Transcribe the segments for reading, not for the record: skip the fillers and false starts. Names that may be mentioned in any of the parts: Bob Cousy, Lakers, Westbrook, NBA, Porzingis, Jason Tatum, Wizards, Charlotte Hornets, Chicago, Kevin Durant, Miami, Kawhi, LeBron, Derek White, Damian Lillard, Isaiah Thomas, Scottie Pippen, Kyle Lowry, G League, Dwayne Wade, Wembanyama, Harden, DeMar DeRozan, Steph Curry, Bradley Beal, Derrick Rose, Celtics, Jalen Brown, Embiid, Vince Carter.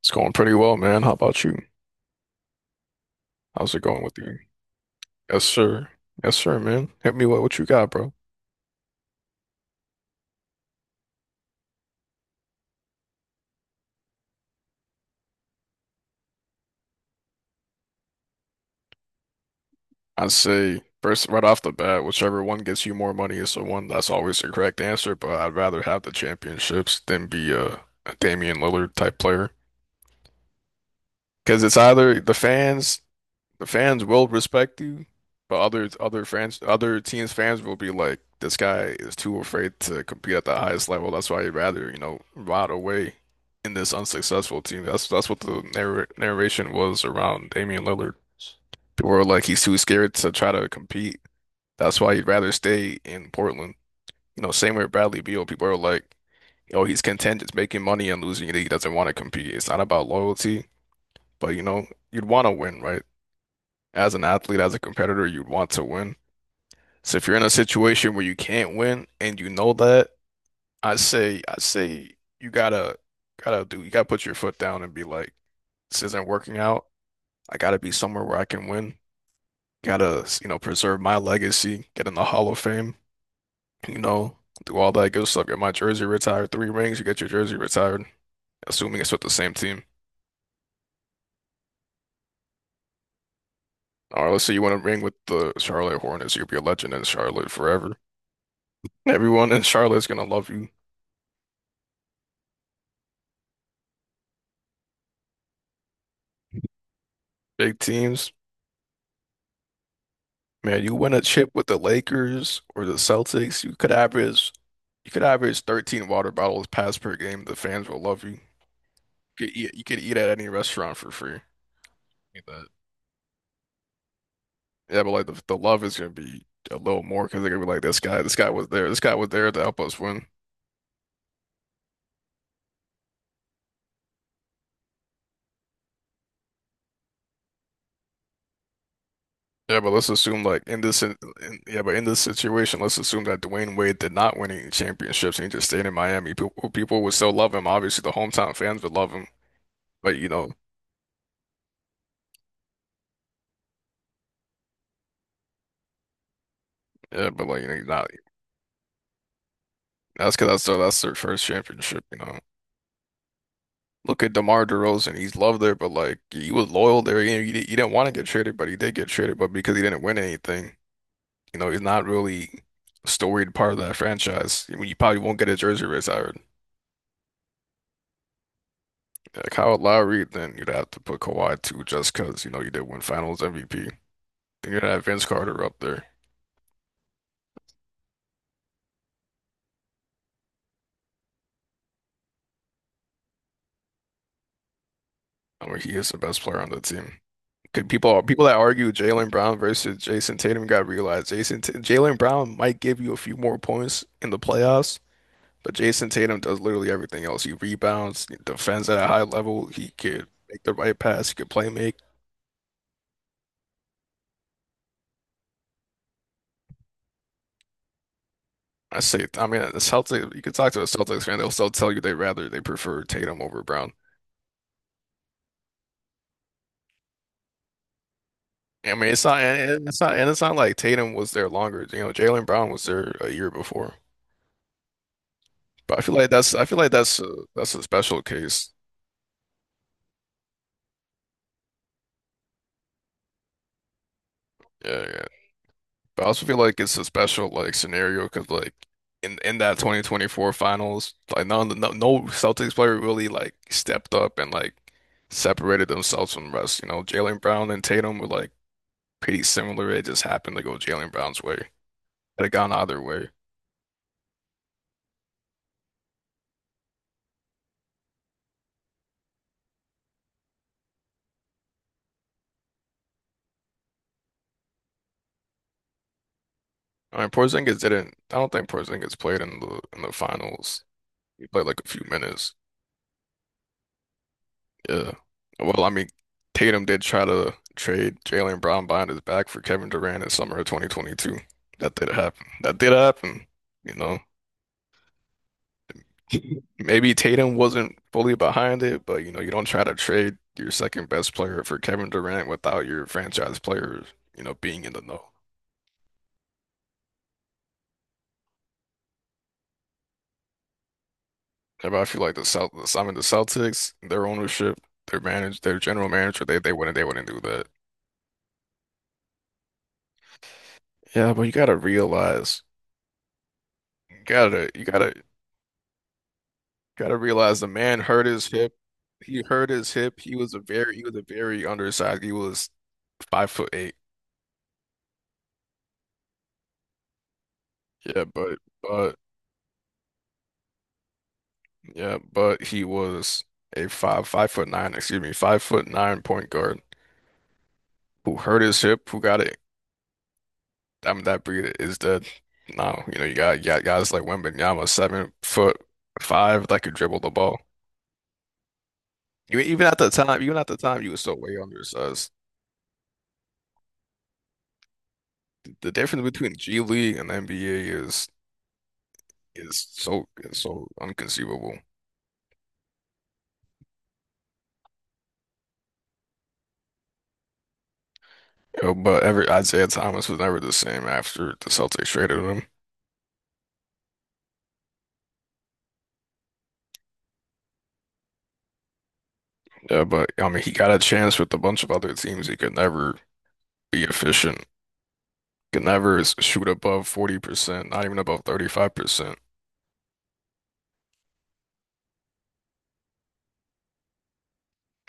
It's going pretty well, man. How about you? How's it going with you? Yes, sir. Yes, sir, man. Hit me with what you got, bro. I'd say first, right off the bat, whichever one gets you more money is the one. That's always the correct answer. But I'd rather have the championships than be a Damian Lillard type player because it's either the fans will respect you, but other fans, other teams' fans will be like, this guy is too afraid to compete at the highest level. That's why he'd rather, you know, rot away in this unsuccessful team. That's what the narration was around Damian Lillard. People were like, he's too scared to try to compete. That's why he'd rather stay in Portland. You know, same with Bradley Beal. People are like, oh, he's content just making money and losing it. He doesn't want to compete. It's not about loyalty, but you know, you'd want to win, right? As an athlete, as a competitor, you'd want to win. So if you're in a situation where you can't win and you know that, I say you gotta, gotta do, you gotta put your foot down and be like, this isn't working out. I gotta be somewhere where I can win. Gotta, you know, preserve my legacy, get in the Hall of Fame, you know, do all that good stuff. Get my jersey retired, three rings, you get your jersey retired, assuming it's with the same team. Or let's say you want to ring with the Charlotte Hornets, you'll be a legend in Charlotte forever. Everyone in Charlotte's gonna love you. Big teams, man, you win a chip with the Lakers or the Celtics, you could average 13 water bottles passed per game. The fans will love you. You could eat at any restaurant for free. Like that. Yeah, but like the love is gonna be a little more because they're gonna be like this guy was there to help us win. Yeah, but let's assume like in this in- yeah, but in this situation, let's assume that Dwayne Wade did not win any championships and he just stayed in Miami. People would still love him. Obviously, the hometown fans would love him. But you know, yeah, but like you know, he's not. That's because that's their first championship, you know. Look at DeMar DeRozan. He's loved there, but like he was loyal there. You know, he didn't want to get traded, but he did get traded. But because he didn't win anything, you know, he's not really a storied part of that franchise. I mean, you probably won't get a jersey retired. Yeah, Kyle Lowry, then you'd have to put Kawhi too, just because you know you did win Finals MVP. Then you'd have Vince Carter up there. I mean, he is the best player on the team. Could people that argue Jalen Brown versus Jason Tatum got to realize Jalen Brown might give you a few more points in the playoffs, but Jason Tatum does literally everything else. He rebounds, he defends at a high level. He could make the right pass. He could play make. I mean, the Celtics. You could talk to a Celtics fan; they'll still tell you they prefer Tatum over Brown. I mean, it's not like Tatum was there longer. You know, Jalen Brown was there a year before. But I feel like that's a special case. Yeah, yeah. But I also feel like it's a special like scenario because like in that 2024 finals, like none no no Celtics player really like stepped up and like separated themselves from the rest. You know, Jaylen Brown and Tatum were like pretty similar. It just happened to go Jaylen Brown's way. Had it had gone either way. I mean, Porzingis didn't. I don't think Porzingis played in the finals. He played like a few minutes. Yeah. Well, I mean, Tatum did try to trade Jaylen Brown behind his back for Kevin Durant in summer of 2022. That did happen. That did happen. You know, maybe Tatum wasn't fully behind it, but you know, you don't try to trade your second best player for Kevin Durant without your franchise player, you know, being in the know. And I feel like I mean, the Celtics, their ownership, their general manager, they wouldn't do that. Yeah, but you gotta realize, you gotta gotta realize the man hurt his hip. He hurt his hip. He was a very undersized. He was 5 foot 8. Yeah, but but yeah, but he was a five foot nine, excuse me, 5 foot nine point guard who hurt his hip, who got it. I mean that breed is dead now. You know, you got guys like Wembanyama, 7 foot five that could dribble the ball. You even at the time, even at the time, you was still way undersized. The difference between G League and NBA is is so inconceivable. But ever Isaiah Thomas was never the same after the Celtics traded him. Yeah, but I mean, he got a chance with a bunch of other teams. He could never be efficient. Could never shoot above 40%, not even above 35%.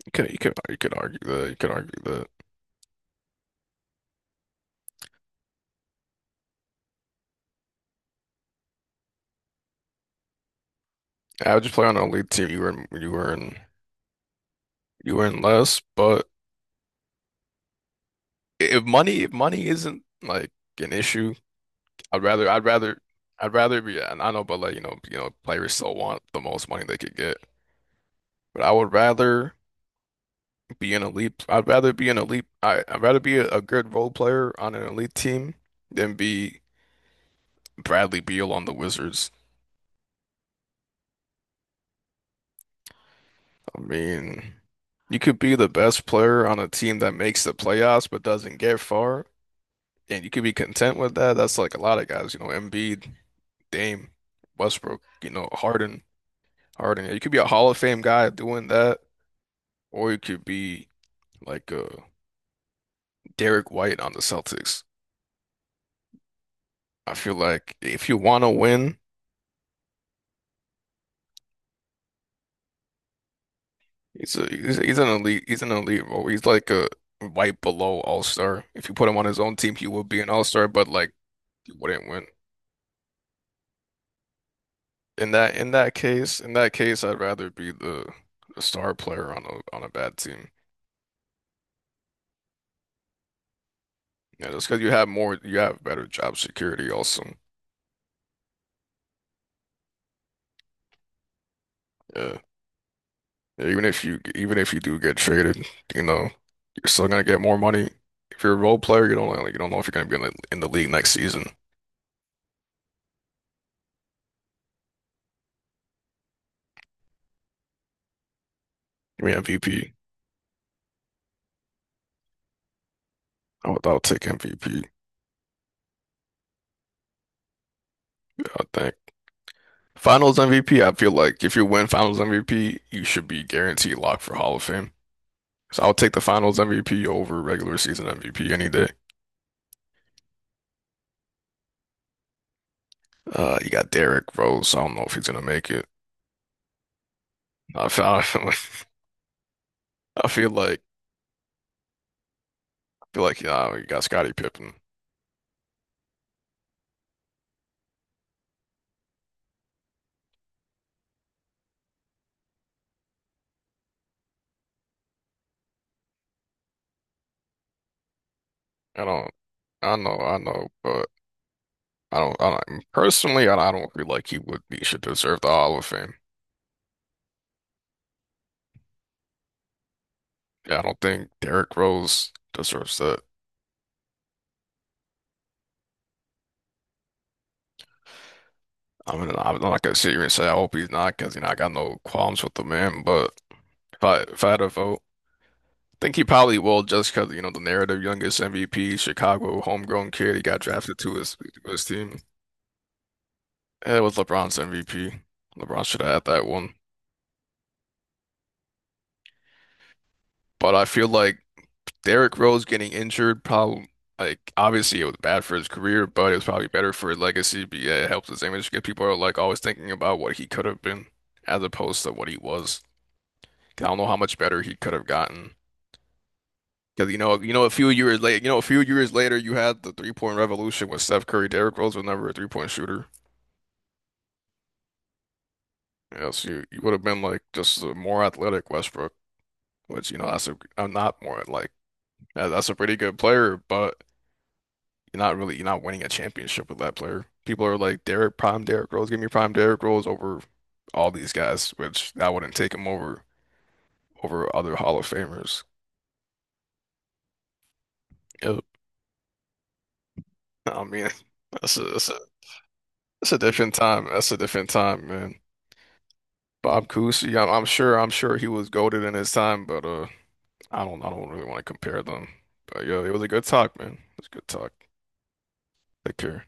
You could argue that. You could argue that. How'd you play on an elite team? You were in less, but if money isn't like an issue, I'd rather I'd rather I'd rather be. And I know, but like you know players still want the most money they could get. But I would rather be an elite. I'd rather be an elite. I'd rather be a good role player on an elite team than be Bradley Beal on the Wizards. I mean, you could be the best player on a team that makes the playoffs but doesn't get far, and you could be content with that. That's like a lot of guys, you know, Embiid, Dame, Westbrook, you know, Harden. You could be a Hall of Fame guy doing that, or you could be like Derek White on the Celtics. I feel like if you want to win. He's an elite. He's an elite role. He's like a right below all-star. If you put him on his own team, he would be an all-star, but like he wouldn't win. In that case, I'd rather be the star player on a bad team. Yeah, just because you have more, you have better job security also. Yeah. Yeah, even if you do get traded, you know, you're still gonna get more money. If you're a role player, you don't like you don't know if you're gonna be in in the league next season. I mean, MVP. I would take MVP. I think. Finals MVP, I feel like if you win Finals MVP, you should be guaranteed locked for Hall of Fame. So I'll take the Finals MVP over regular season MVP any day. You got Derrick Rose. So I don't know if he's gonna make it. I feel, I feel like I feel like I feel like yeah, you got Scottie Pippen. I don't, I know, but I don't personally, I don't feel like he would be should deserve the Hall of Fame. Yeah, I don't think Derrick Rose deserves that. I mean, I'm not gonna sit here and say I hope he's not because you know I got no qualms with the man, but. If I had a vote, I think he probably will just because you know the narrative youngest MVP, Chicago homegrown kid. He got drafted to his team. Yeah, it was LeBron's MVP. LeBron should have had that one. But I feel like Derrick Rose getting injured probably obviously it was bad for his career, but it was probably better for his legacy. But yeah, it helps his image, 'cause people are like always thinking about what he could have been as opposed to what he was. 'Cause I don't know how much better he could have gotten. Because you know, a few years later, you had the three point revolution with Steph Curry. Derrick Rose was never a three point shooter. Yes, you would have been like just a more athletic Westbrook, which you know that's a I'm not more like that- that's a pretty good player, but you're not winning a championship with that player. People are like Derrick prime Derrick Rose, give me prime Derrick Rose over all these guys, which I wouldn't take him over other Hall of Famers. Yep. I mean, that's a that's a, that's a different time. That's a different time, man. Bob Cousy, I'm sure he was goated in his time, but I don't really want to compare them. But yeah, it was a good talk, man. It was a good talk. Take care.